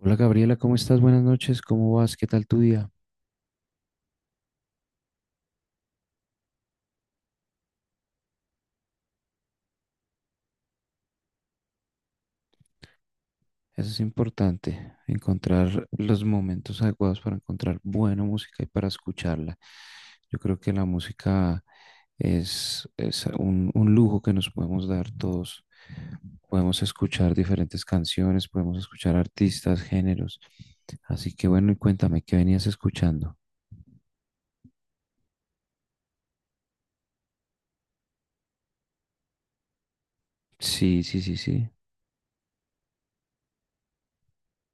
Hola Gabriela, ¿cómo estás? Buenas noches, ¿cómo vas? ¿Qué tal tu día? Eso es importante, encontrar los momentos adecuados para encontrar buena música y para escucharla. Yo creo que la música es un lujo que nos podemos dar todos. Podemos escuchar diferentes canciones, podemos escuchar artistas, géneros. Así que bueno, y cuéntame, ¿qué venías escuchando? Sí, sí, sí, sí.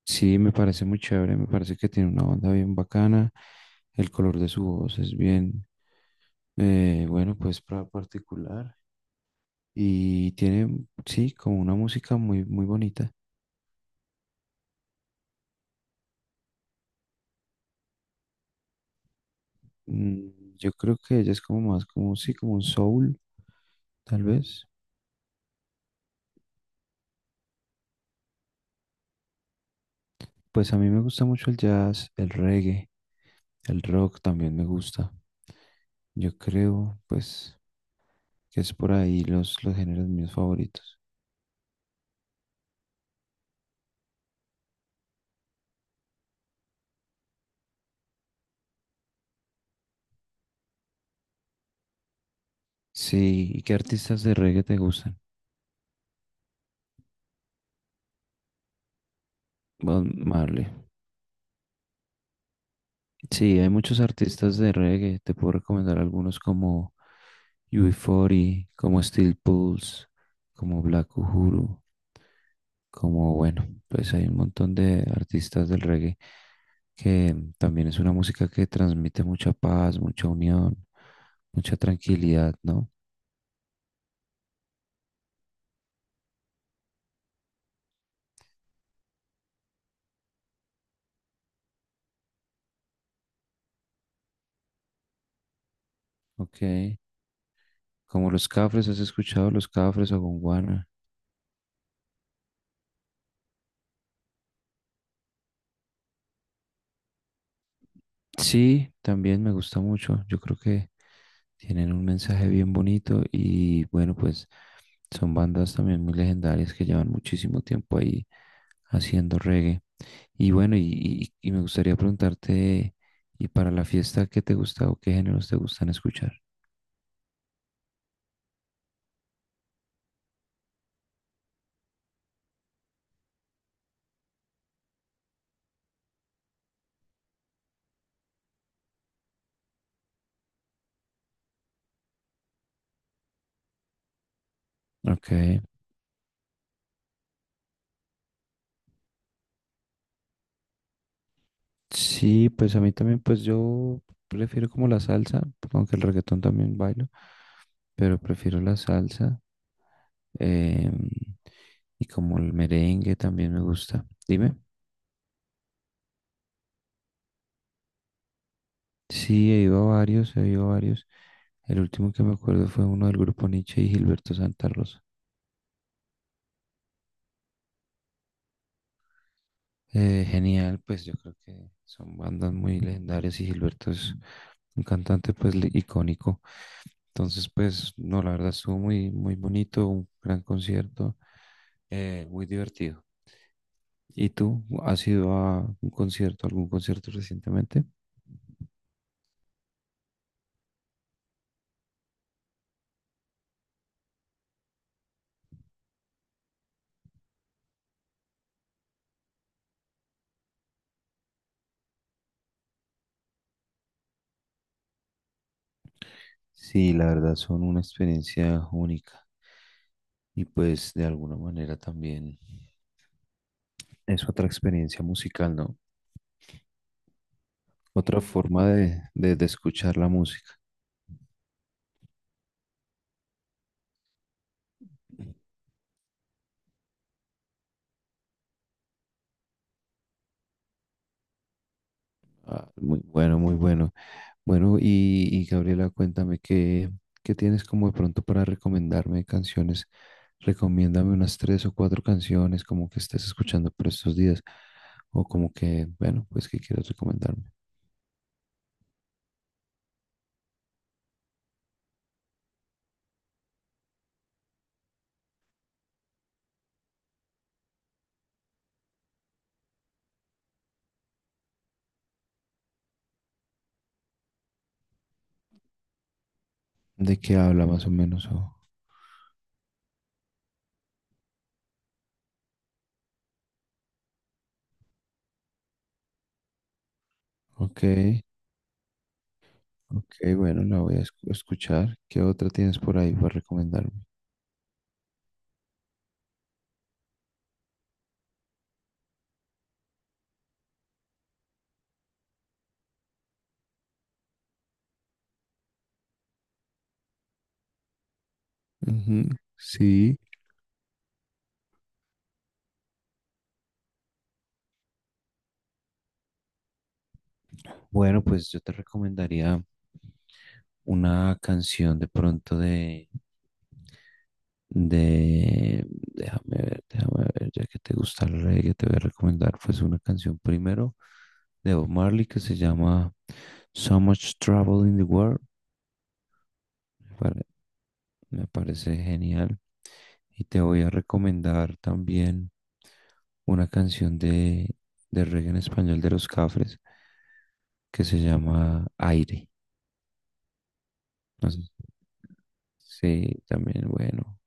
Sí, me parece muy chévere, me parece que tiene una onda bien bacana, el color de su voz es bien, bueno, pues particular y tiene, sí, como una música muy, muy bonita. Mm, yo creo que ella es como más, como, sí, como un soul, tal vez. Pues a mí me gusta mucho el jazz, el reggae, el rock también me gusta. Yo creo, pues, que es por ahí los géneros míos favoritos. Sí, ¿y qué artistas de reggae te gustan? Bob Marley. Sí, hay muchos artistas de reggae. Te puedo recomendar algunos como UB40, como Steel Pulse, como Black Uhuru, como bueno, pues hay un montón de artistas del reggae que también es una música que transmite mucha paz, mucha unión, mucha tranquilidad, ¿no? Ok. Como los Cafres, ¿has escuchado los Cafres o Gonguana? Sí, también me gusta mucho. Yo creo que tienen un mensaje bien bonito y bueno, pues son bandas también muy legendarias que llevan muchísimo tiempo ahí haciendo reggae. Y bueno, y me gustaría preguntarte, ¿y para la fiesta qué te gusta o qué géneros te gustan escuchar? Ok, sí, pues a mí también, pues yo prefiero como la salsa, aunque el reggaetón también bailo, pero prefiero la salsa, em, y como el merengue también me gusta. Dime. Sí, he ido a varios, he ido a varios. El último que me acuerdo fue uno del grupo Nietzsche y Gilberto Santa Rosa. Genial, pues yo creo que son bandas muy legendarias y Gilberto es un cantante pues icónico. Entonces, pues no, la verdad estuvo muy, muy bonito, un gran concierto, muy divertido. ¿Y tú has ido a un concierto, algún concierto recientemente? Sí, la verdad son una experiencia única. Y pues de alguna manera también es otra experiencia musical, ¿no? Otra forma de escuchar la música. Ah, muy bueno, muy bueno. Bueno, y Gabriela, cuéntame qué tienes como de pronto para recomendarme canciones. Recomiéndame unas tres o cuatro canciones como que estés escuchando por estos días. O como que, bueno, pues que quieras recomendarme. ¿De qué habla más o menos? O, ok. Ok, bueno, la voy a escuchar. ¿Qué otra tienes por ahí para recomendarme? Ujú, sí. Bueno, pues yo te recomendaría una canción de pronto de, déjame ver, ya que te gusta el reggae, te voy a recomendar pues una canción primero de Bob Marley que se llama So Much Trouble in the World. Me pare- Me parece genial. Y te voy a recomendar también una canción de reggae en español de los Cafres que se llama Aire. No sé, sí, también, bueno,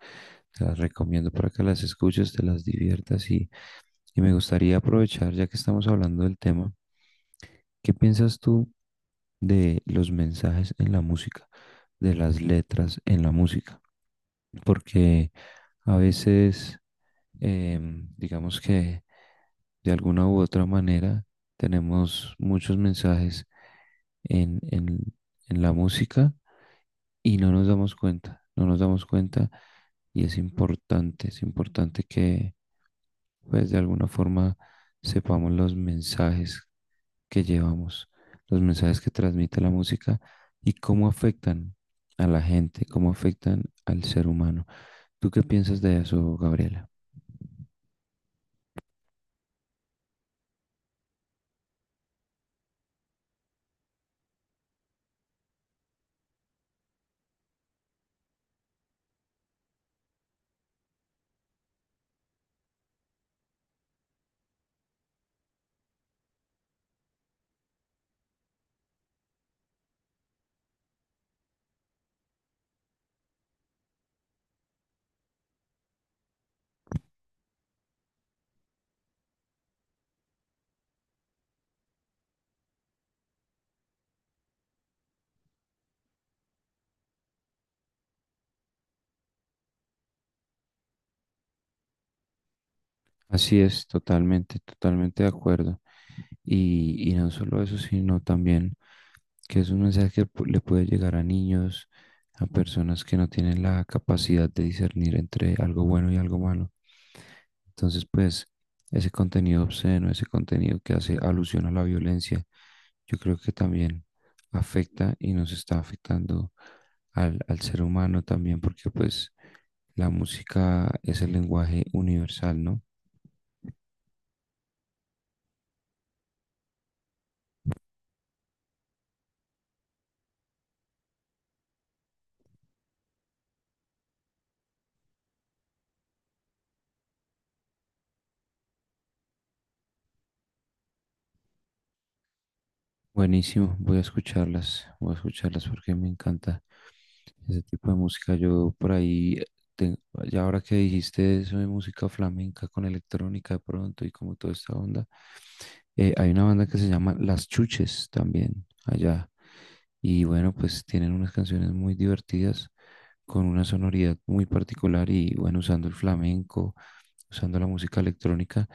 te las recomiendo para que las escuches, te las diviertas y me gustaría aprovechar, ya que estamos hablando del tema, ¿qué piensas tú de los mensajes en la música, de las letras en la música? Porque a veces, digamos que de alguna u otra manera, tenemos muchos mensajes en, en, en la música y no nos damos cuenta, no nos damos cuenta y es importante que pues de alguna forma sepamos los mensajes que llevamos, los mensajes que transmite la música y cómo afectan a la gente, cómo afectan al ser humano. ¿Tú qué piensas de eso, Gabriela? Así es, totalmente, totalmente de acuerdo. Y no solo eso, sino también que es un mensaje que le puede llegar a niños, a personas que no tienen la capacidad de discernir entre algo bueno y algo malo. Entonces, pues, ese contenido obsceno, ese contenido que hace alusión a la violencia, yo creo que también afecta y nos está afectando al ser humano también, porque pues la música es el lenguaje universal, ¿no? Buenísimo, voy a escucharlas porque me encanta ese tipo de música. Yo por ahí, te- ya ahora que dijiste eso de música flamenca con electrónica de pronto y como toda esta onda, hay una banda que se llama Las Chuches también allá. Y bueno, pues tienen unas canciones muy divertidas con una sonoridad muy particular y bueno, usando el flamenco, usando la música electrónica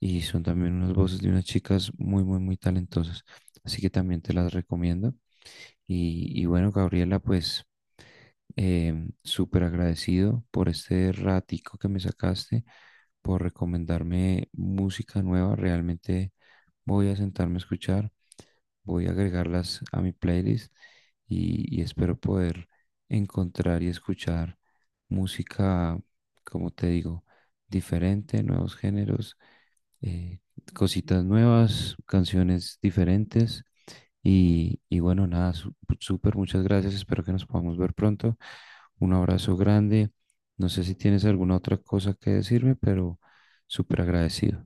y son también unas voces de unas chicas muy, muy, muy talentosas. Así que también te las recomiendo. Y bueno, Gabriela, pues súper agradecido por este ratico que me sacaste, por recomendarme música nueva. Realmente voy a sentarme a escuchar, voy a agregarlas a mi playlist y espero poder encontrar y escuchar música, como te digo, diferente, nuevos géneros, eh, cositas nuevas, canciones diferentes y bueno, nada, súper, muchas gracias. Espero que nos podamos ver pronto. Un abrazo grande. No sé si tienes alguna otra cosa que decirme, pero súper agradecido.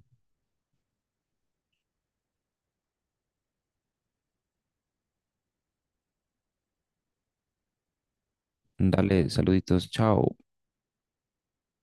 Dale, saluditos, chao.